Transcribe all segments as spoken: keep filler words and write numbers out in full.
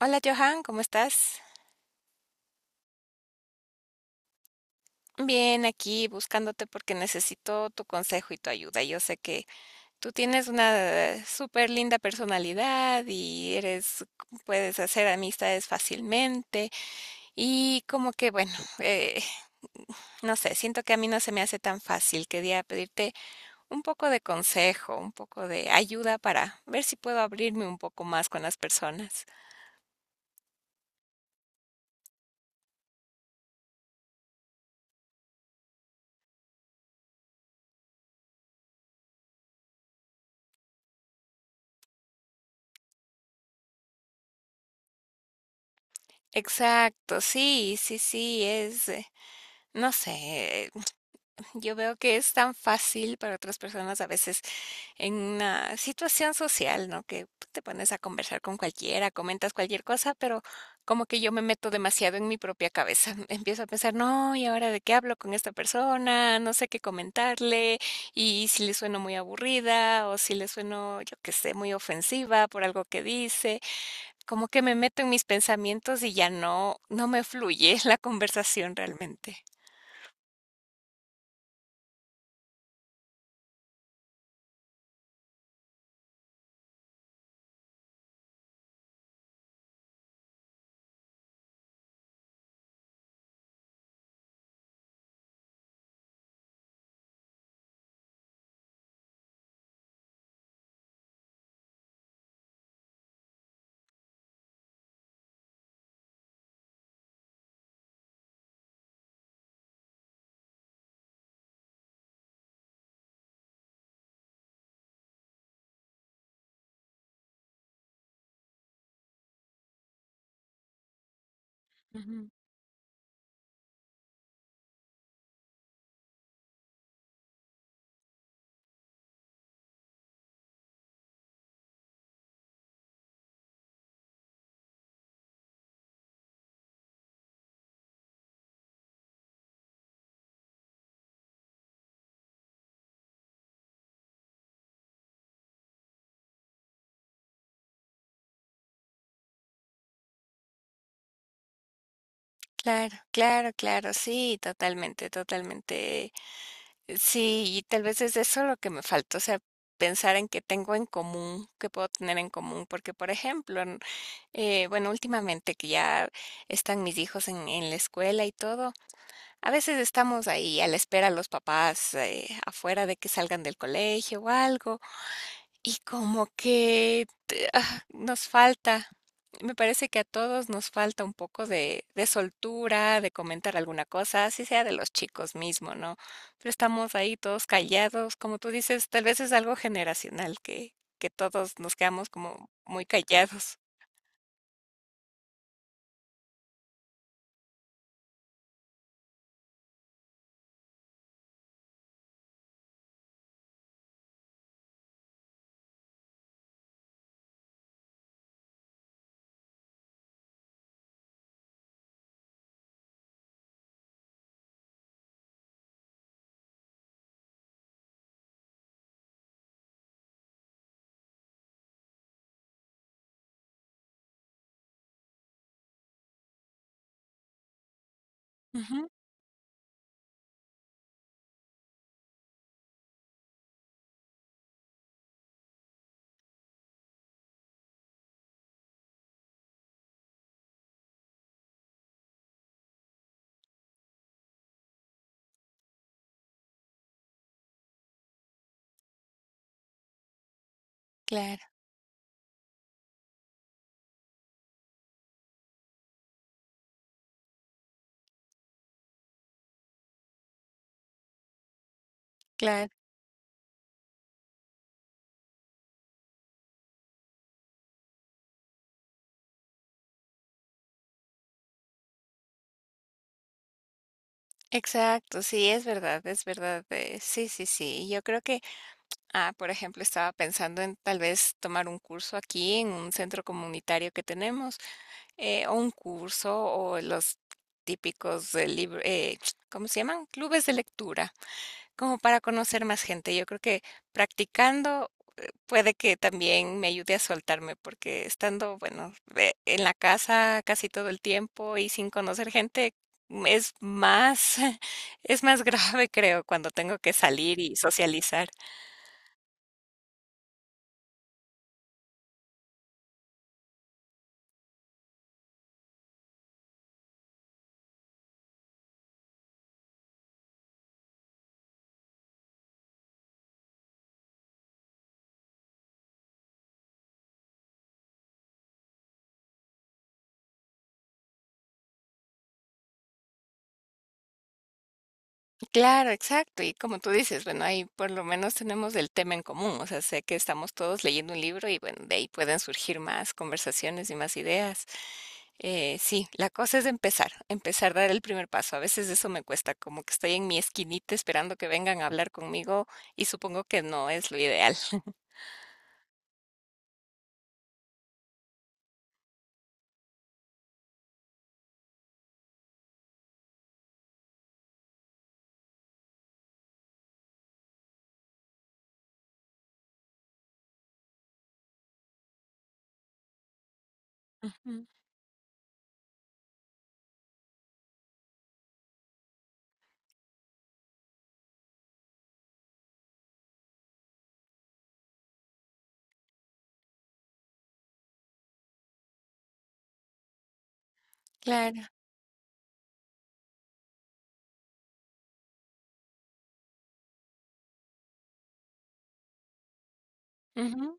Hola, Johan, ¿cómo estás? Bien, aquí buscándote porque necesito tu consejo y tu ayuda. Yo sé que tú tienes una súper linda personalidad y eres, puedes hacer amistades fácilmente y como que bueno, eh, no sé, siento que a mí no se me hace tan fácil. Quería pedirte un poco de consejo, un poco de ayuda para ver si puedo abrirme un poco más con las personas. Exacto, sí, sí, sí, es, eh, no sé. Yo veo que es tan fácil para otras personas a veces en una situación social, ¿no? Que te pones a conversar con cualquiera, comentas cualquier cosa, pero como que yo me meto demasiado en mi propia cabeza. Empiezo a pensar, no, ¿y ahora de qué hablo con esta persona? No sé qué comentarle, y si le sueno muy aburrida o si le sueno, yo qué sé, muy ofensiva por algo que dice. Como que me meto en mis pensamientos y ya no, no me fluye la conversación realmente. Claro, claro, claro, sí, totalmente, totalmente. eh, Sí, y tal vez es eso lo que me faltó, o sea, pensar en qué tengo en común, qué puedo tener en común, porque por ejemplo, en- eh, bueno, últimamente que ya están mis hijos en, en la escuela y todo, a veces estamos ahí a la espera los papás eh, afuera de que salgan del colegio o algo. Y como que te- ah, nos falta, me parece que a todos nos falta un poco de, de soltura, de comentar alguna cosa, así sea de los chicos mismo, ¿no? Pero estamos ahí todos callados, como tú dices, tal vez es algo generacional que, que todos nos quedamos como muy callados. Ujú. Claro, claro. Exacto, sí, es verdad, es verdad. Eh, sí, sí, sí. Yo creo que, ah, por ejemplo, estaba pensando en tal vez tomar un curso aquí en un centro comunitario que tenemos eh, o un curso o los típicos de libr- eh, ¿cómo se llaman? Clubes de lectura, como para conocer más gente. Yo creo que practicando puede que también me ayude a soltarme, porque estando, bueno, de- en la casa casi todo el tiempo y sin conocer gente es más, es más grave, creo, cuando tengo que salir y socializar. Claro, exacto. Y como tú dices, bueno, ahí por lo menos tenemos el tema en común. O sea, sé que estamos todos leyendo un libro y bueno, de ahí pueden surgir más conversaciones y más ideas. Eh, sí, la cosa es empezar, empezar a dar el primer paso. A veces eso me cuesta, como que estoy en mi esquinita esperando que vengan a hablar conmigo y supongo que no es lo ideal. Ujú. Claro. Ujú.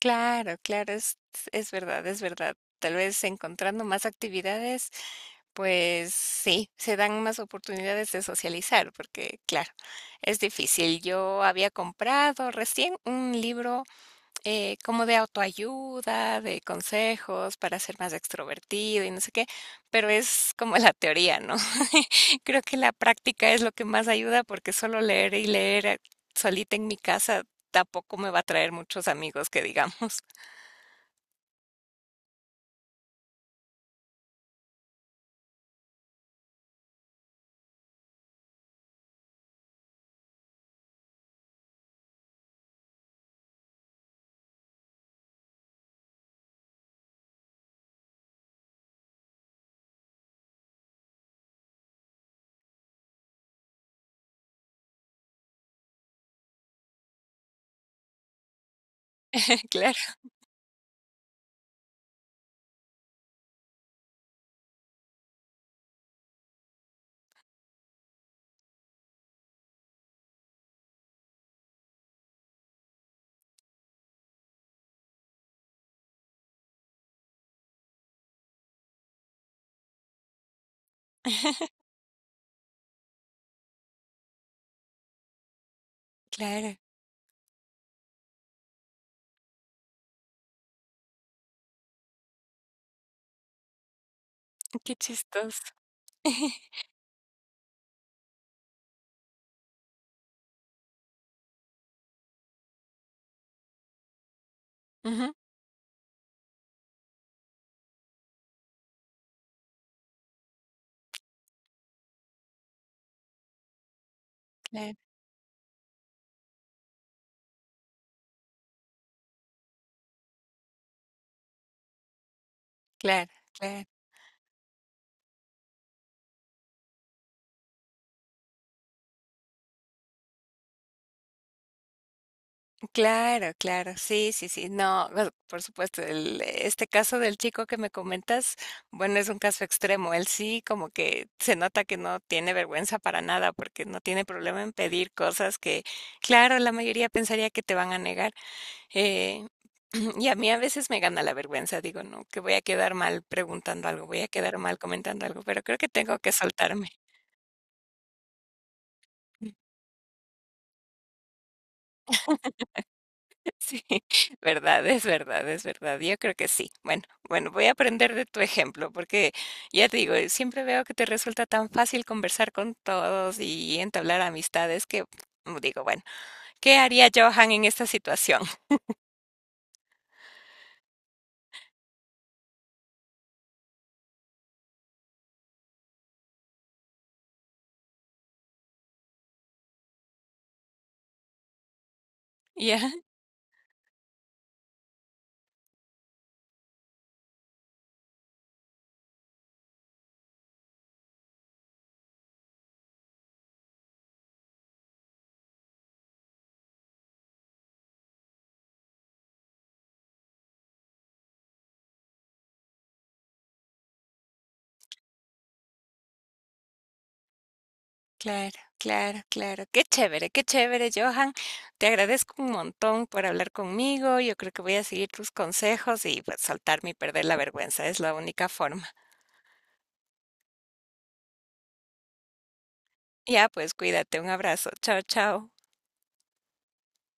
Claro, claro, es, es verdad, es verdad. Tal vez encontrando más actividades, pues sí, se dan más oportunidades de socializar, porque claro, es difícil. Yo había comprado recién un libro eh, como de autoayuda, de consejos para ser más extrovertido y no sé qué, pero es como la teoría, ¿no? Creo que la práctica es lo que más ayuda porque solo leer y leer eh, solita en mi casa tampoco me va a traer muchos amigos que digamos. Claro, claro, qué chistoso. Ujú. Claro, claro, claro. Claro, claro, sí, sí, sí, no, bueno, por supuesto, el, este caso del chico que me comentas, bueno, es un caso extremo, él sí como que se nota que no tiene vergüenza para nada, porque no tiene problema en pedir cosas que, claro, la mayoría pensaría que te van a negar, eh, y a mí a veces me gana la vergüenza, digo, no, que voy a quedar mal preguntando algo, voy a quedar mal comentando algo, pero creo que tengo que soltarme. Sí, verdad, es verdad, es verdad. Yo creo que sí. Bueno, bueno, voy a aprender de tu ejemplo, porque ya te digo, eh, siempre veo que te resulta tan fácil conversar con todos y entablar amistades que mm, digo, bueno, ¿qué haría Johan en esta situación? Ya, claro, claro, claro. Qué chévere, qué chévere, Johan. Te agradezco un montón por hablar conmigo. Yo creo que voy a seguir tus consejos y pues saltarme y perder la vergüenza. Es la única forma. Ya, pues cuídate. Un abrazo. Chao, chao.